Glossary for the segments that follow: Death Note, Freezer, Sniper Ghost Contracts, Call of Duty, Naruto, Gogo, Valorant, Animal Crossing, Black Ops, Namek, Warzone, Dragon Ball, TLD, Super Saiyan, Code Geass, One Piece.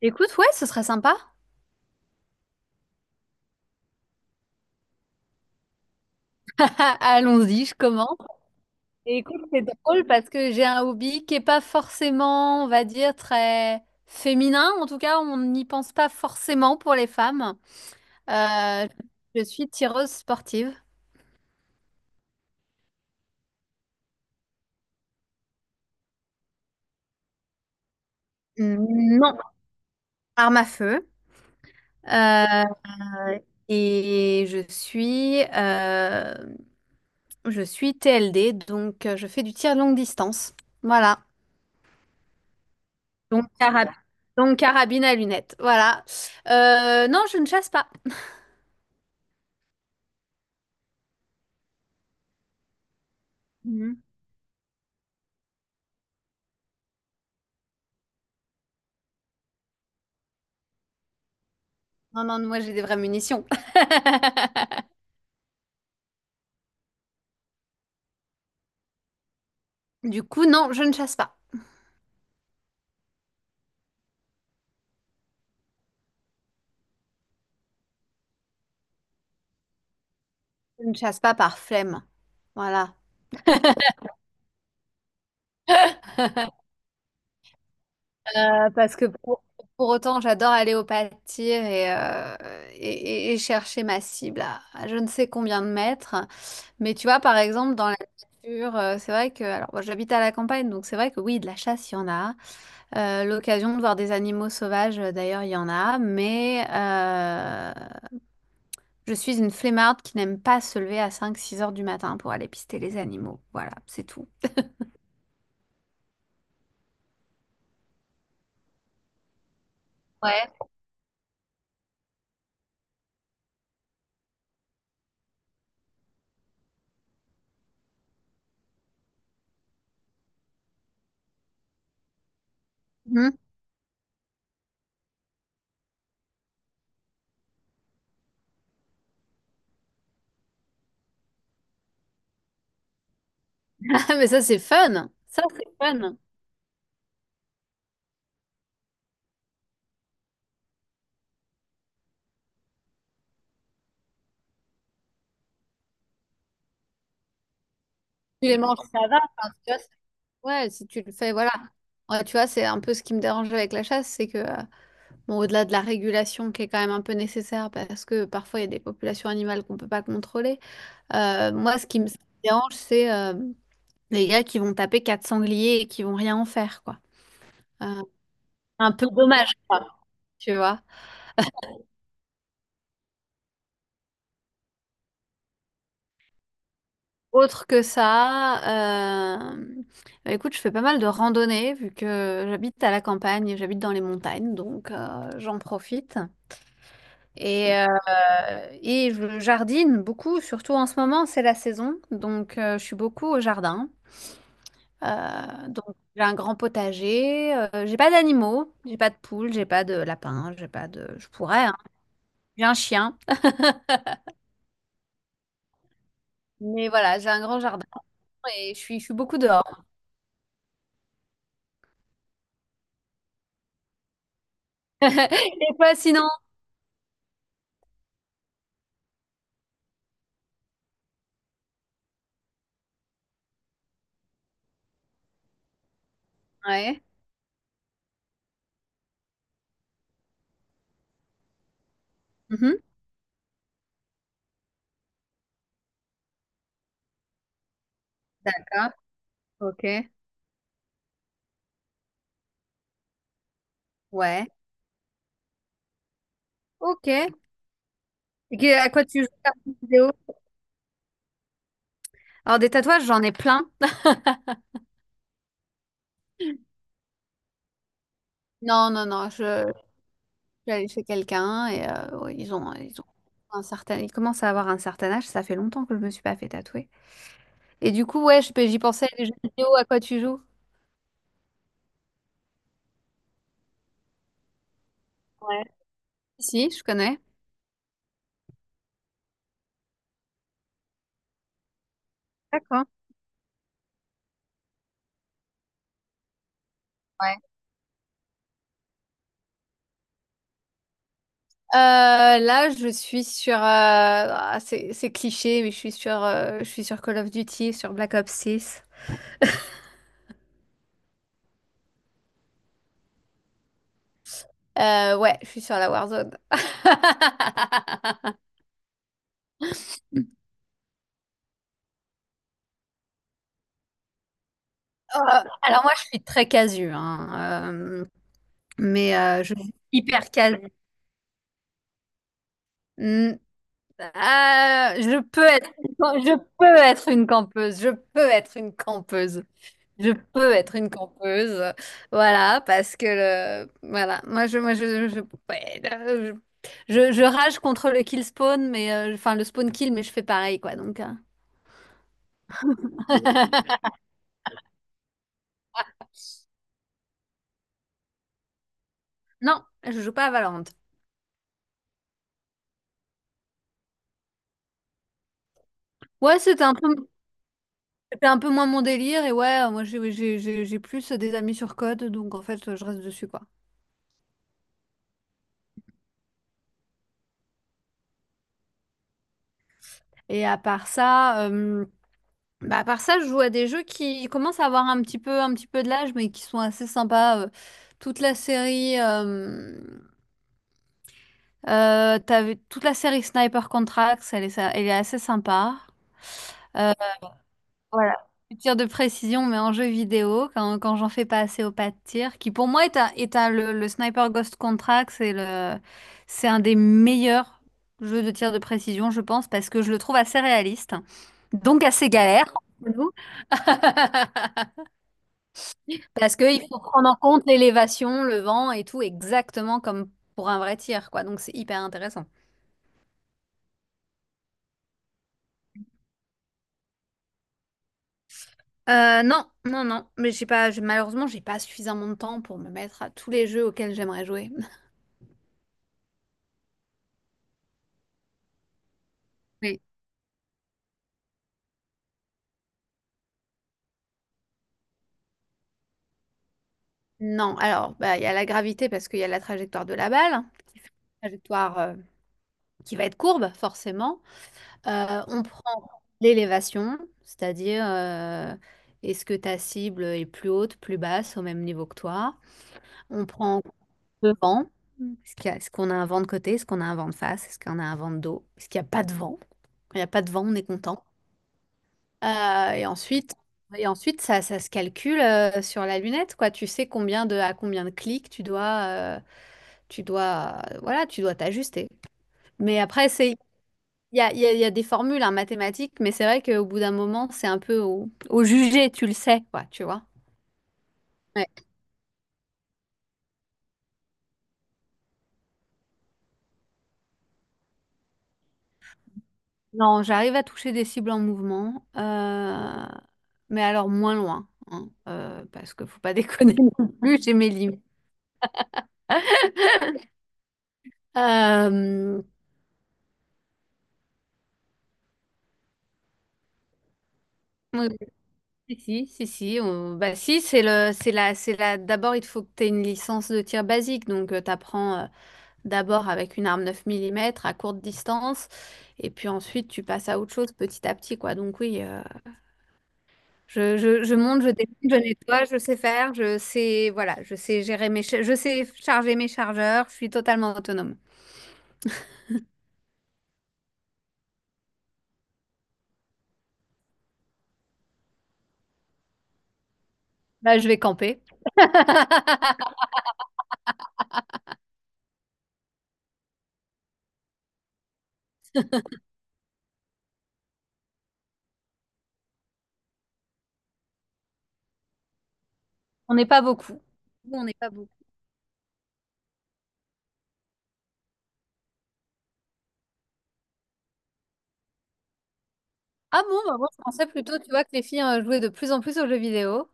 Écoute, ouais, ce serait sympa. Allons-y, je commence. Et écoute, c'est drôle parce que j'ai un hobby qui est pas forcément, on va dire, très féminin. En tout cas, on n'y pense pas forcément pour les femmes. Euh, je suis tireuse sportive. Non, arme à feu. Euh, et je suis, euh, je suis TLD, donc je fais du tir longue distance. Voilà. Donc, carab- donc, carabine à lunettes. Voilà. Non, je ne chasse pas. Mhm. Non, non, moi j'ai des vraies munitions. Du coup, non, je ne chasse pas. Je ne chasse pas par flemme. Voilà. Parce que pour autant, j'adore aller au pâtir et et chercher ma cible à je ne sais combien de mètres. Mais tu vois, par exemple, dans la nature, c'est vrai que... Alors, moi, j'habite à la campagne, donc c'est vrai que oui, de la chasse, il y en a. L'occasion de voir des animaux sauvages, d'ailleurs, il y en a, mais je suis une flemmarde qui n'aime pas se lever à cinq six heures du matin pour aller pister les animaux. Voilà, c'est tout. Ouais. Mmh. Ah mais ça, c'est fun! Ça, c'est fun! Tu les manges, ça va, enfin, tu vois? C'est ouais, si tu le fais, voilà. Ouais, tu vois, c'est un peu ce qui me dérange avec la chasse, c'est que, bon, au-delà de la régulation qui est quand même un peu nécessaire parce que, parfois, il y a des populations animales qu'on peut pas contrôler. Moi, ce qui me dérange, c'est, hem des gars qui vont taper quatre sangliers et qui vont rien en faire, quoi. Euh, un peu dommage, quoi, tu vois. Autre que ça, bah, écoute, je fais pas mal de randonnées vu que j'habite à la campagne, et j'habite dans les montagnes, donc j'en profite. Et, et je jardine beaucoup, surtout en ce moment, c'est la saison, donc je suis beaucoup au jardin. Donc j'ai un grand potager, j'ai pas d'animaux, j'ai pas de poules, j'ai pas de lapins, j'ai pas de... Je pourrais, hein. J'ai un chien. Mais voilà, j'ai un grand jardin et je suis beaucoup dehors. Et toi, sinon? Ouais. Mhm. D'accord. Ok. Ouais. Ok. Et à quoi tu joues comme vidéo? Alors, des tatouages, j'en ai plein. Non, non, non. Je suis allée chez quelqu'un et ouais, ils ont un certain, ils commencent à avoir un certain âge. Ça fait longtemps que je me suis pas fait tatouer. Et du coup, ouais, j'y pensais, les jeux vidéo, à quoi tu joues? Ouais. Si, je connais. D'accord. Là, je suis sur. Ah, c'est cliché, mais je suis sur Call of Duty, sur Black Ops six. Ouais, je suis sur la Warzone. Euh, alors moi, je suis très casu, hein, mais je suis hyper casu. Mm. Euh, je peux être, je peux être une campeuse. Je peux être une campeuse. Je peux être une campeuse. Voilà, parce que voilà, moi je, ouais, je rage contre le kill spawn, mais enfin le spawn kill, mais je fais pareil quoi. Non, je joue pas à Valorant. Ouais, c'était un peu, C'était un peu moins mon délire et ouais, moi j'ai plus des amis sur code, donc en fait je reste dessus quoi. Et à part ça. Bah, à part ça, je joue à des jeux qui commencent à avoir un petit peu de l'âge, mais qui sont assez sympas. Toute la série, euh, Toute la série Sniper Contracts, elle est assez sympa. Euh, voilà. Du tir de précision, mais en jeu vidéo, quand j'en fais pas assez au pas de tir, qui pour moi est le Sniper Ghost Contracts, c'est un des meilleurs jeux de tir de précision, je pense, parce que je le trouve assez réaliste, donc assez galère entre nous. Parce qu'il faut prendre en compte l'élévation, le vent et tout, exactement comme pour un vrai tir, quoi. Donc c'est hyper intéressant. Non, non, non. Mais j'ai pas, malheureusement, j'ai pas suffisamment de temps pour me mettre à tous les jeux auxquels j'aimerais jouer. Oui. Non, alors, bah, il y a la gravité parce qu'il y a la trajectoire de la balle, qui fait une trajectoire qui va être courbe, forcément. On prend l'élévation, c'est-à-dire est-ce que ta cible est plus haute, plus basse, au même niveau que toi. On prend en devant. Est-ce qu'on a un vent de côté? Est-ce qu'on a un vent de face? Est-ce qu'on a un vent de dos? Est-ce qu'il n'y a pas de vent? Quand il n'y a pas de vent, on est content. Euh, et ensuite, et ensuite ça, ça se calcule sur la lunette, quoi. Tu sais à combien de clics tu dois, voilà, tu dois t'ajuster. Mais après, c'est, il y a des formules en mathématiques, mais c'est vrai qu'au bout d'un moment, c'est un peu au jugé, tu le sais, quoi, tu vois. Non, j'arrive à toucher des cibles en mouvement, mais alors moins loin, hein, parce que faut pas déconner non plus, j'ai mes limites. Euh, oui, si, Si, bah, si, c'est la, d'abord, il faut que tu aies une licence de tir basique, donc tu apprends d'abord avec une arme 9 mm à courte distance, et puis ensuite tu passes à autre chose petit à petit, quoi. Donc oui, je, je monte, je descends, je nettoie, je sais faire, je sais, voilà, je sais gérer je sais charger mes chargeurs, je suis totalement autonome. Là, je vais camper. On n'est pas beaucoup. Nous, on n'est pas beaucoup. Ah bon, bah moi, je pensais plutôt, tu vois, que les filles jouaient de plus en plus aux jeux vidéo,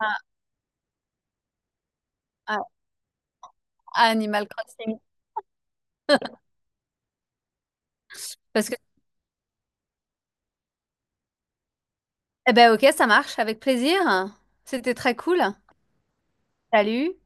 à, à- à Animal Crossing. Parce que, eh ben ok, ça marche, avec plaisir. C'était très cool. Salut.